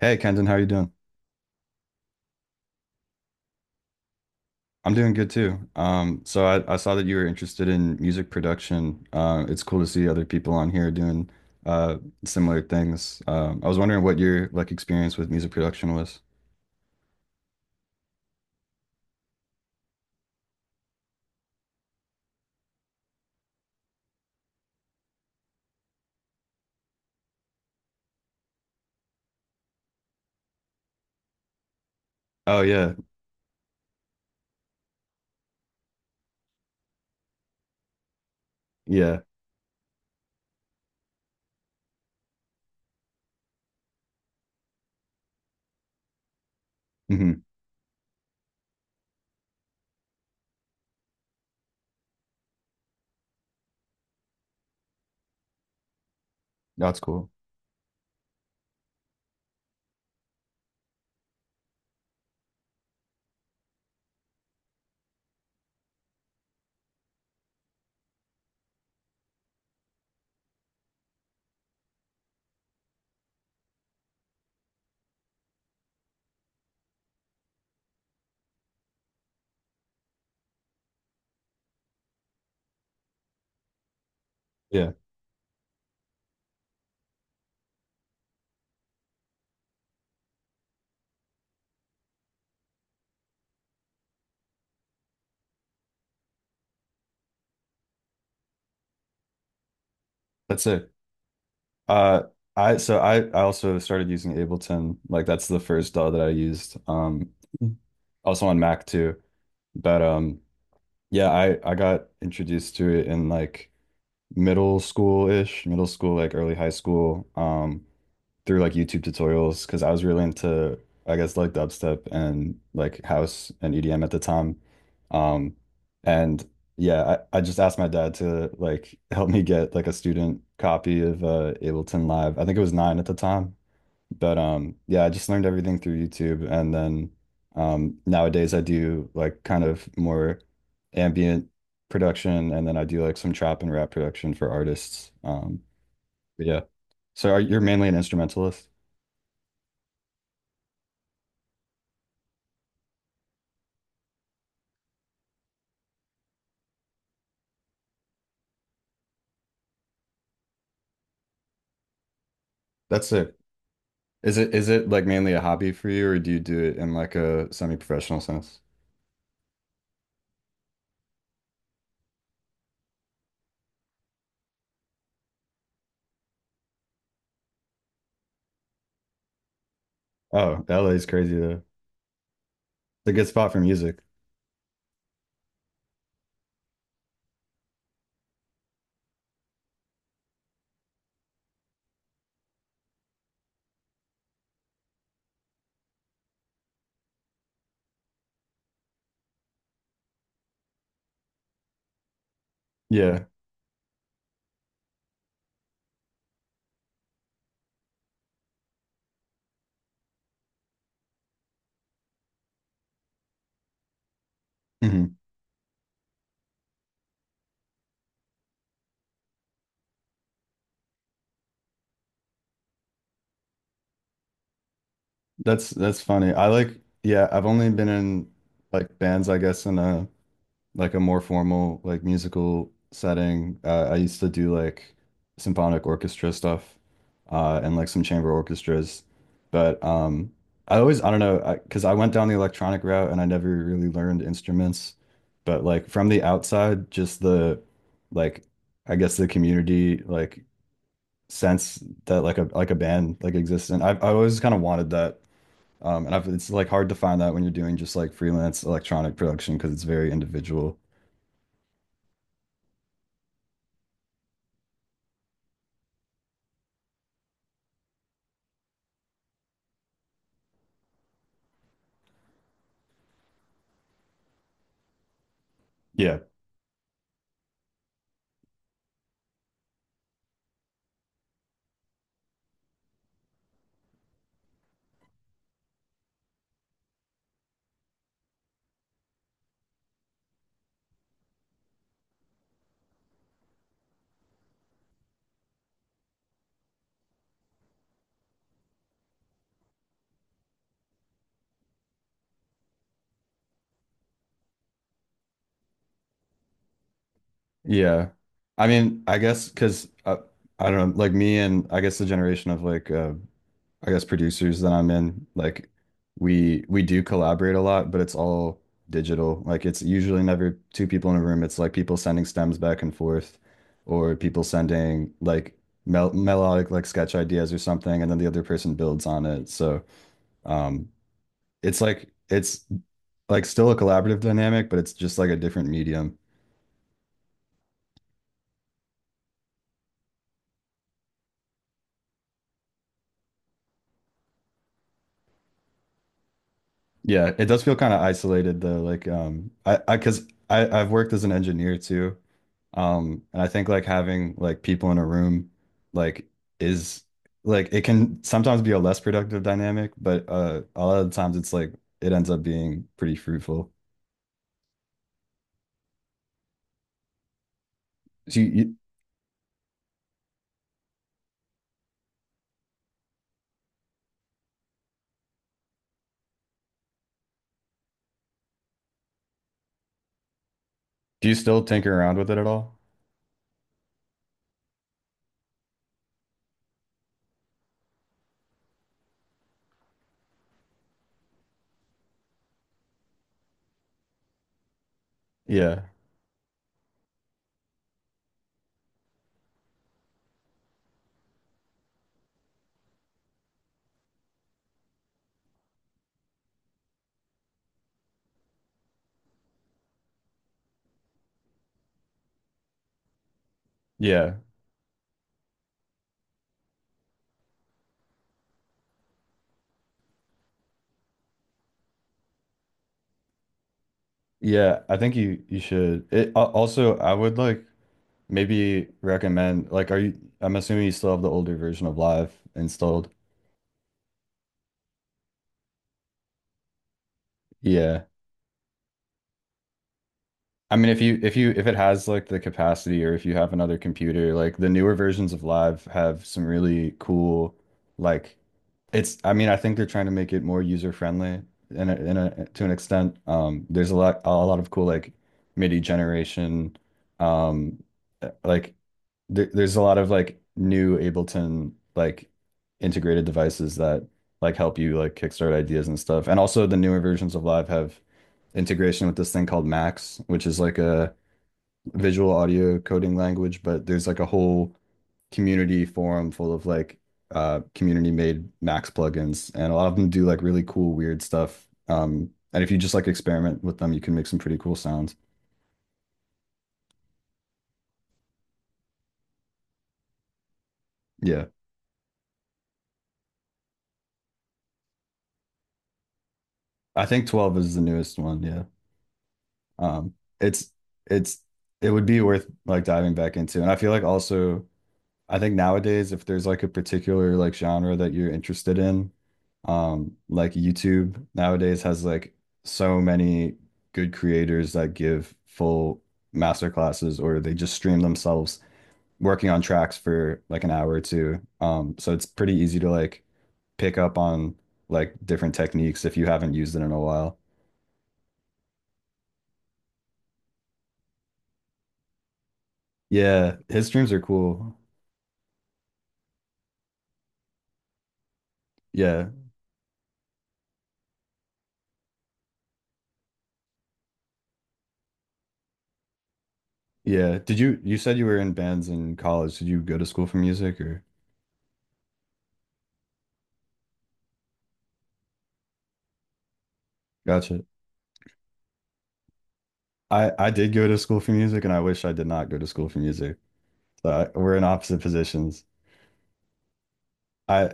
Hey Kenton, how you doing? I'm doing good too. So I saw that you were interested in music production. It's cool to see other people on here doing uh, similar things. I was wondering what your like experience with music production was. Oh yeah, yeah. hmm That's cool. Yeah, that's it. Uh, I so I also started using Ableton. Like that's the first DAW that I used. Also on Mac too. But yeah, I got introduced to it in middle school-ish, middle school, like early high school, through like YouTube tutorials because I was really into, I guess, like dubstep and like house and EDM at the time. Um, and yeah, I just asked my dad to like help me get like a student copy of Ableton Live. I think it was nine at the time. But yeah, I just learned everything through YouTube, and then nowadays I do like kind of more ambient production, and then I do like some trap and rap production for artists. But yeah. So you're mainly an instrumentalist? That's it. Is it like mainly a hobby for you, or do you do it in like a semi-professional sense? Oh, LA is crazy though. It's a good spot for music. Yeah. hmm that's funny. I like yeah, I've only been in like bands, I guess, in a like a more formal like musical setting. I used to do like symphonic orchestra stuff and like some chamber orchestras, but I always I don't know I because I went down the electronic route and I never really learned instruments, but like from the outside, just the like I guess the community like sense that like a band like exists and I always kind of wanted that. It's like hard to find that when you're doing just like freelance electronic production because it's very individual. Yeah, yeah. I mean, I guess because I don't know, like me and I guess the generation of like I guess producers that I'm in, like we do collaborate a lot, but it's all digital. Like it's usually never two people in a room. It's like people sending stems back and forth or people sending like melodic like sketch ideas or something and then the other person builds on it. So, um it's like still a collaborative dynamic, but it's just like a different medium. Yeah, it does feel kind of isolated though. Cause I've worked as an engineer too. And I think like having like people in a room, like is like it can sometimes be a less productive dynamic, but a lot of the times it's like it ends up being pretty fruitful. Do you, you do you still tinker around with it at all? Yeah, yeah, yeah. I think you should. It al- also I would like maybe recommend like are you? I'm assuming you still have the older version of Live installed. Yeah. I mean, if you if you if it has like the capacity or if you have another computer, like the newer versions of Live have some really cool like it's I mean, I think they're trying to make it more user friendly in a to an extent. There's a lot of cool like MIDI generation um like there's a lot of like new Ableton like integrated devices that like help you like kickstart ideas and stuff. And also the newer versions of Live have integration with this thing called Max, which is like a visual audio coding language, but there's like a whole community forum full of like community made Max plugins and a lot of them do like really cool weird stuff. And if you just like experiment with them, you can make some pretty cool sounds. Yeah. I think 12 is the newest one, yeah. um it's it's it would be worth like diving back into and I feel like also I think nowadays if there's like a particular like genre that you're interested in like YouTube nowadays has like so many good creators that give full master classes or they just stream themselves working on tracks for like an hour or two, so it's pretty easy to like pick up on like different techniques if you haven't used it in a while. Yeah, his streams are cool. Yeah, yeah. Did you said you were in bands in college? Did you go to school for music or gotcha? I did go to school for music and I wish I did not go to school for music. So I, we're in opposite positions. I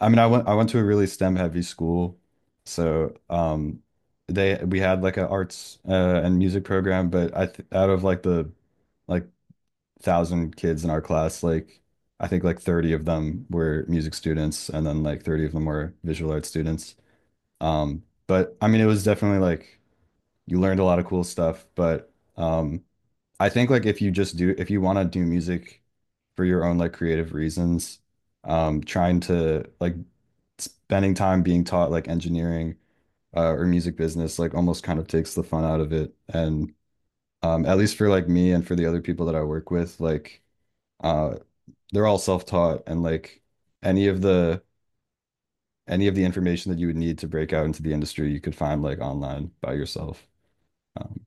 I mean I went to a really STEM heavy school. So um they we had like an arts and music program, but I th out of like the like thousand kids in our class, like I think like 30 of them were music students and then like 30 of them were visual arts students. But I mean, it was definitely like you learned a lot of cool stuff, but um I think like if you want to do music for your own like creative reasons, trying to like spending time being taught like engineering or music business like almost kind of takes the fun out of it. And at least for like me and for the other people that I work with, like uh they're all self-taught and like any of the any of the information that you would need to break out into the industry you could find like online by yourself. Um,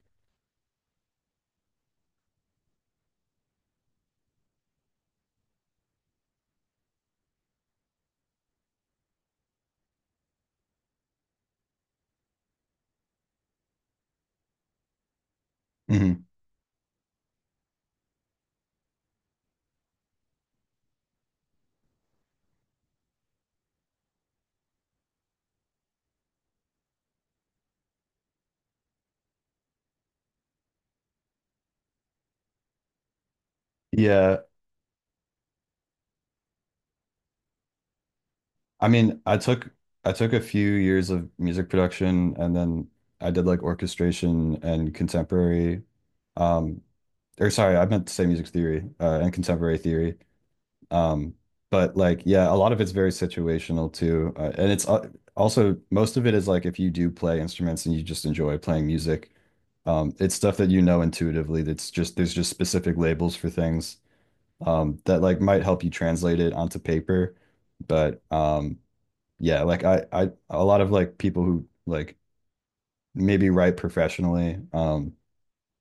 mhm. Yeah, I mean, I took a few years of music production and then I did like orchestration and contemporary um or sorry, I meant to say music theory and contemporary theory. Um but like yeah, a lot of it's very situational too. And it's also most of it is like if you do play instruments and you just enjoy playing music, it's stuff that you know intuitively that's just there's just specific labels for things. That like might help you translate it onto paper. But yeah, like a lot of like people who like maybe write professionally,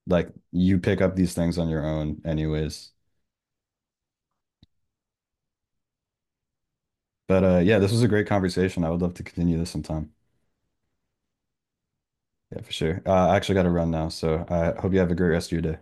like you pick up these things on your own anyways. But yeah, this was a great conversation. I would love to continue this sometime. Yeah, for sure. I actually got to run now, so I hope you have a great rest of your day.